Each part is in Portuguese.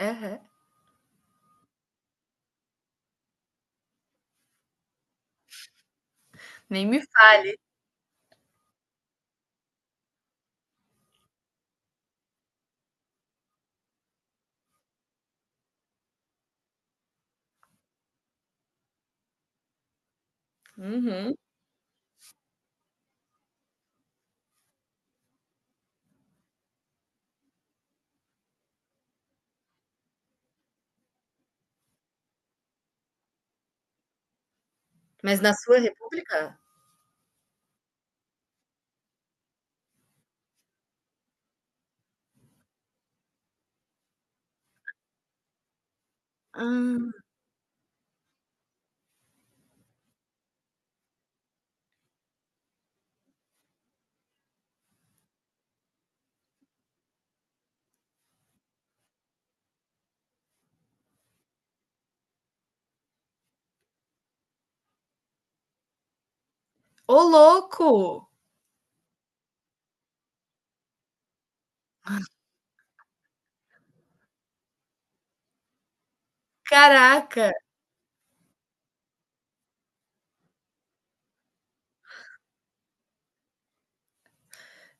Aham. Nem me fale. Uhum. Mas na sua república? Ah. Ô louco! Caraca,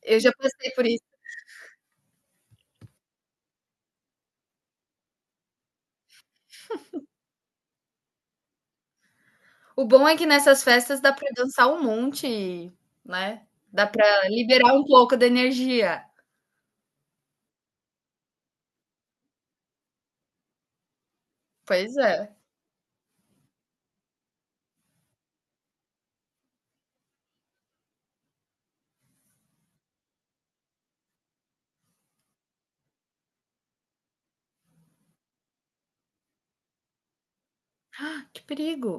eu já passei por isso. O bom é que nessas festas dá pra dançar um monte, né, dá pra liberar um pouco da energia. Pois é. Ah, que perigo.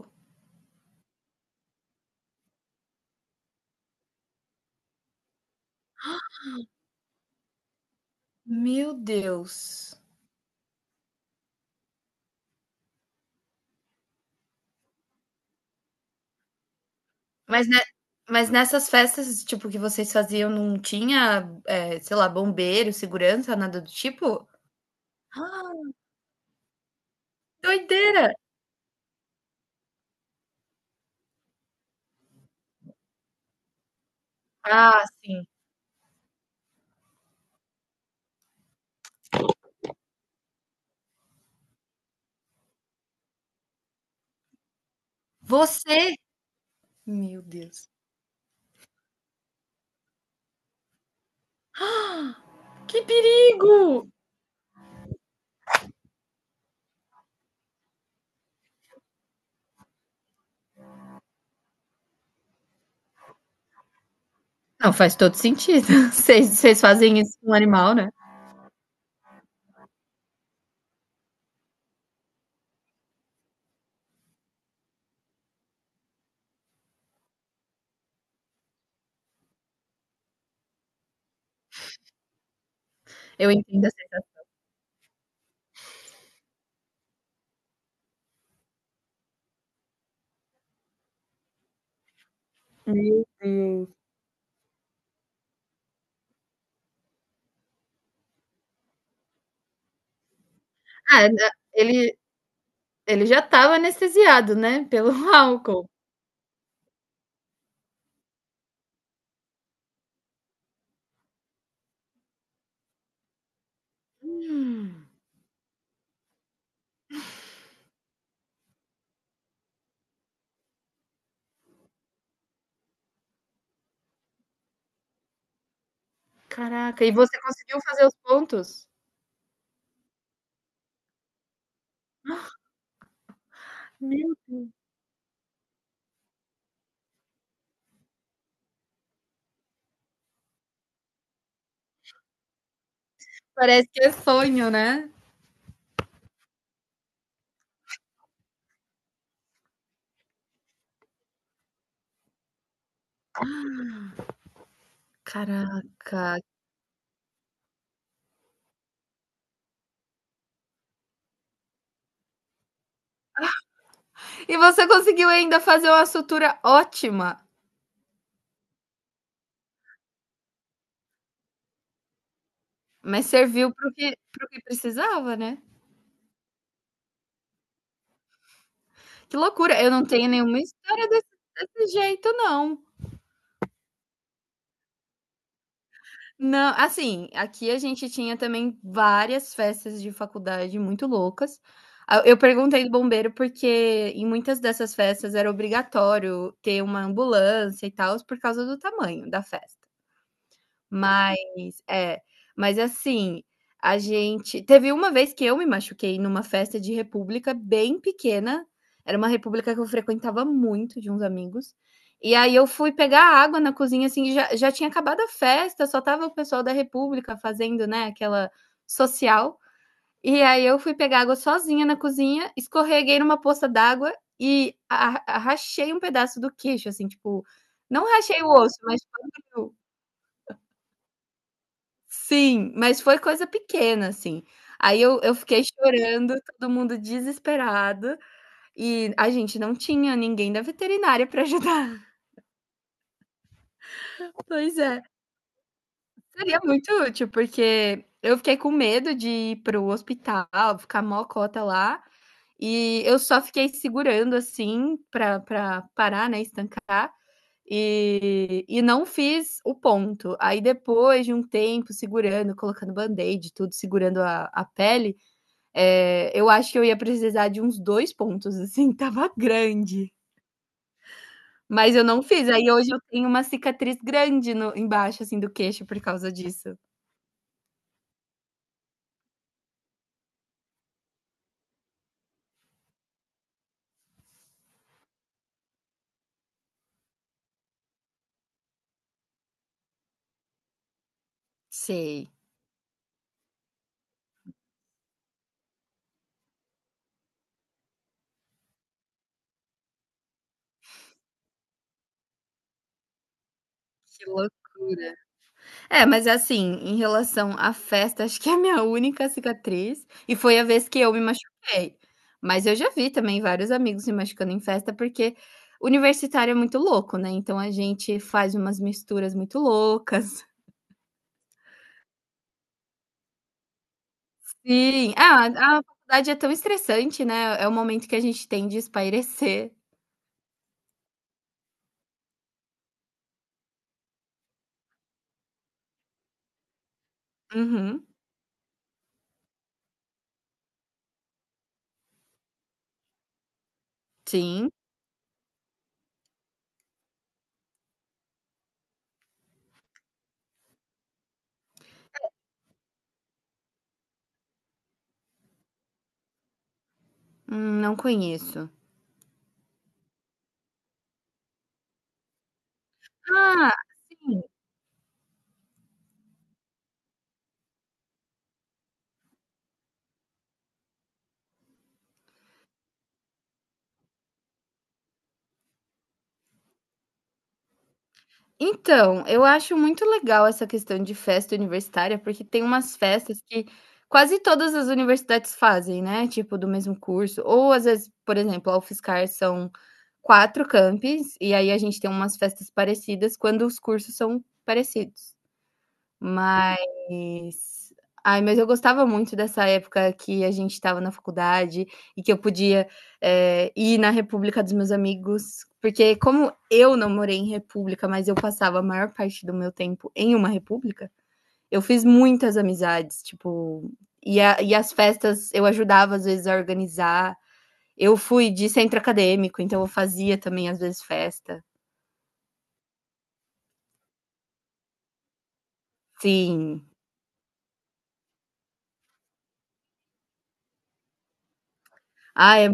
Meu Deus. Mas ne mas nessas festas, tipo, que vocês faziam não tinha, sei lá, bombeiro, segurança, nada do tipo? Ah, doideira. Ah, sim. Você Meu Deus. Ah, que perigo! Não, faz todo sentido. Vocês fazem isso com um animal, né? Eu entendo assim. Meu Deus. Ah, ele, ele já estava anestesiado, né? Pelo álcool. Hum, Caraca, e você conseguiu fazer os pontos? Meu Parece que é sonho, né? Caraca. E você conseguiu ainda fazer uma sutura ótima, mas serviu pro que precisava, né? Que loucura. Eu não tenho nenhuma história desse, desse jeito, não. Não, assim, aqui a gente tinha também várias festas de faculdade muito loucas. Ah, eu perguntei do bombeiro porque em muitas dessas festas era obrigatório ter uma ambulância e tal por causa do tamanho da festa. Mas é, mas assim, a gente teve uma vez que eu me machuquei numa festa de república bem pequena, era uma república que eu frequentava muito de uns amigos, e aí eu fui pegar água na cozinha, assim, já tinha acabado a festa, só tava o pessoal da república fazendo, né, aquela social, e aí eu fui pegar água sozinha na cozinha, escorreguei numa poça d'água e a rachei um pedaço do queixo, assim, tipo, não rachei o osso, mas tipo, abriu. Sim, mas foi coisa pequena, assim. Aí eu fiquei chorando, todo mundo desesperado, e a gente não tinha ninguém da veterinária para ajudar. Pois é, seria muito útil, porque eu fiquei com medo de ir para o hospital, ficar mó cota lá, e eu só fiquei segurando, assim, para pra parar, né, estancar, e não fiz o ponto. Aí depois de um tempo segurando, colocando band-aid tudo, segurando a pele, eu acho que eu ia precisar de uns 2 pontos, assim, tava grande, mas eu não fiz. Aí hoje eu tenho uma cicatriz grande no embaixo, assim, do queixo por causa disso. Sei. Que loucura. É, mas assim, em relação à festa, acho que é a minha única cicatriz, e foi a vez que eu me machuquei. Mas eu já vi também vários amigos se machucando em festa, porque universitário é muito louco, né, então a gente faz umas misturas muito loucas. Sim. Ah, a faculdade é tão estressante, né, é o momento que a gente tem de espairecer. Uhum. Sim. Não conheço. Ah, sim. Então, eu acho muito legal essa questão de festa universitária, porque tem umas festas que quase todas as universidades fazem, né, tipo do mesmo curso, ou às vezes, por exemplo, a UFSCar são 4 campi, e aí a gente tem umas festas parecidas quando os cursos são parecidos. Mas mas eu gostava muito dessa época que a gente estava na faculdade e que eu podia, ir na república dos meus amigos, porque como eu não morei em república, mas eu passava a maior parte do meu tempo em uma república, eu fiz muitas amizades, tipo, e a e as festas eu ajudava às vezes a organizar. Eu fui de centro acadêmico, então eu fazia também às vezes festa. Sim. Ah,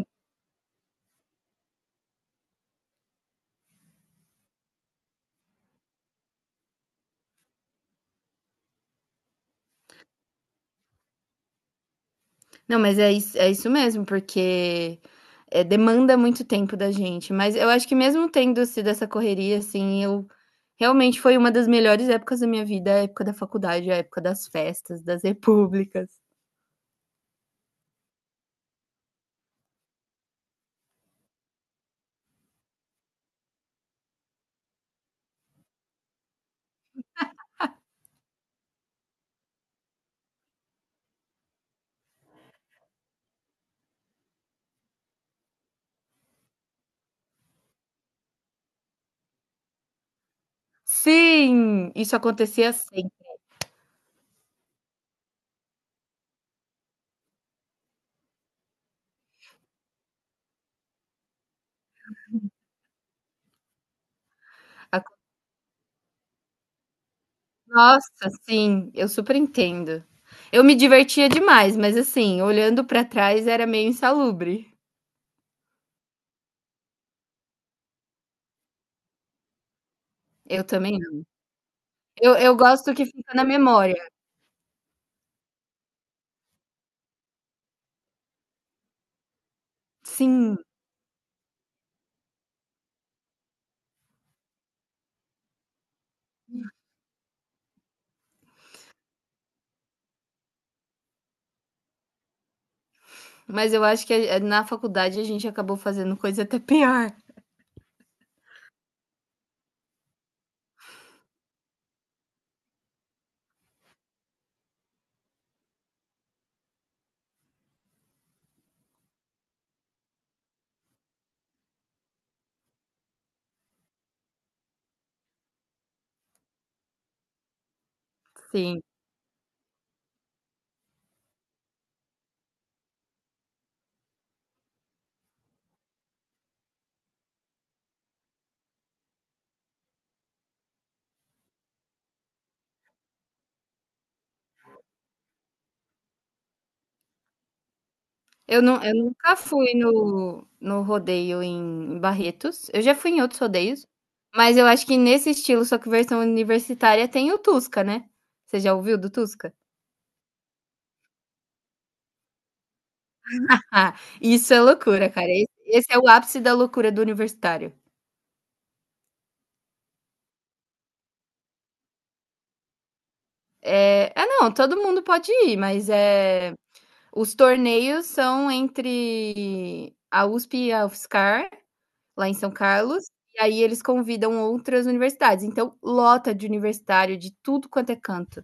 Não, mas é isso mesmo, porque, demanda muito tempo da gente, mas eu acho que mesmo tendo sido essa correria, assim, eu realmente foi uma das melhores épocas da minha vida, a época da faculdade, a época das festas, das repúblicas. Sim, isso acontecia sempre. A Nossa, sim, eu super entendo. Eu me divertia demais, mas assim, olhando pra trás era meio insalubre. Eu também não. Eu gosto que fica na memória. Sim. Mas eu acho que a eh, na faculdade a gente acabou fazendo coisa até pior. Sim. Eu nunca fui no rodeio em Barretos. Eu já fui em outros rodeios, mas eu acho que nesse estilo, só que versão universitária, tem o Tusca, né. Você já ouviu do Tusca? Ah, isso é loucura, cara. Esse é o ápice da loucura do universitário. É, ah, não, todo mundo pode ir, mas, é os torneios são entre a USP e a UFSCar lá em São Carlos, e aí eles convidam outras universidades, então lota de universitário de tudo quanto é canto.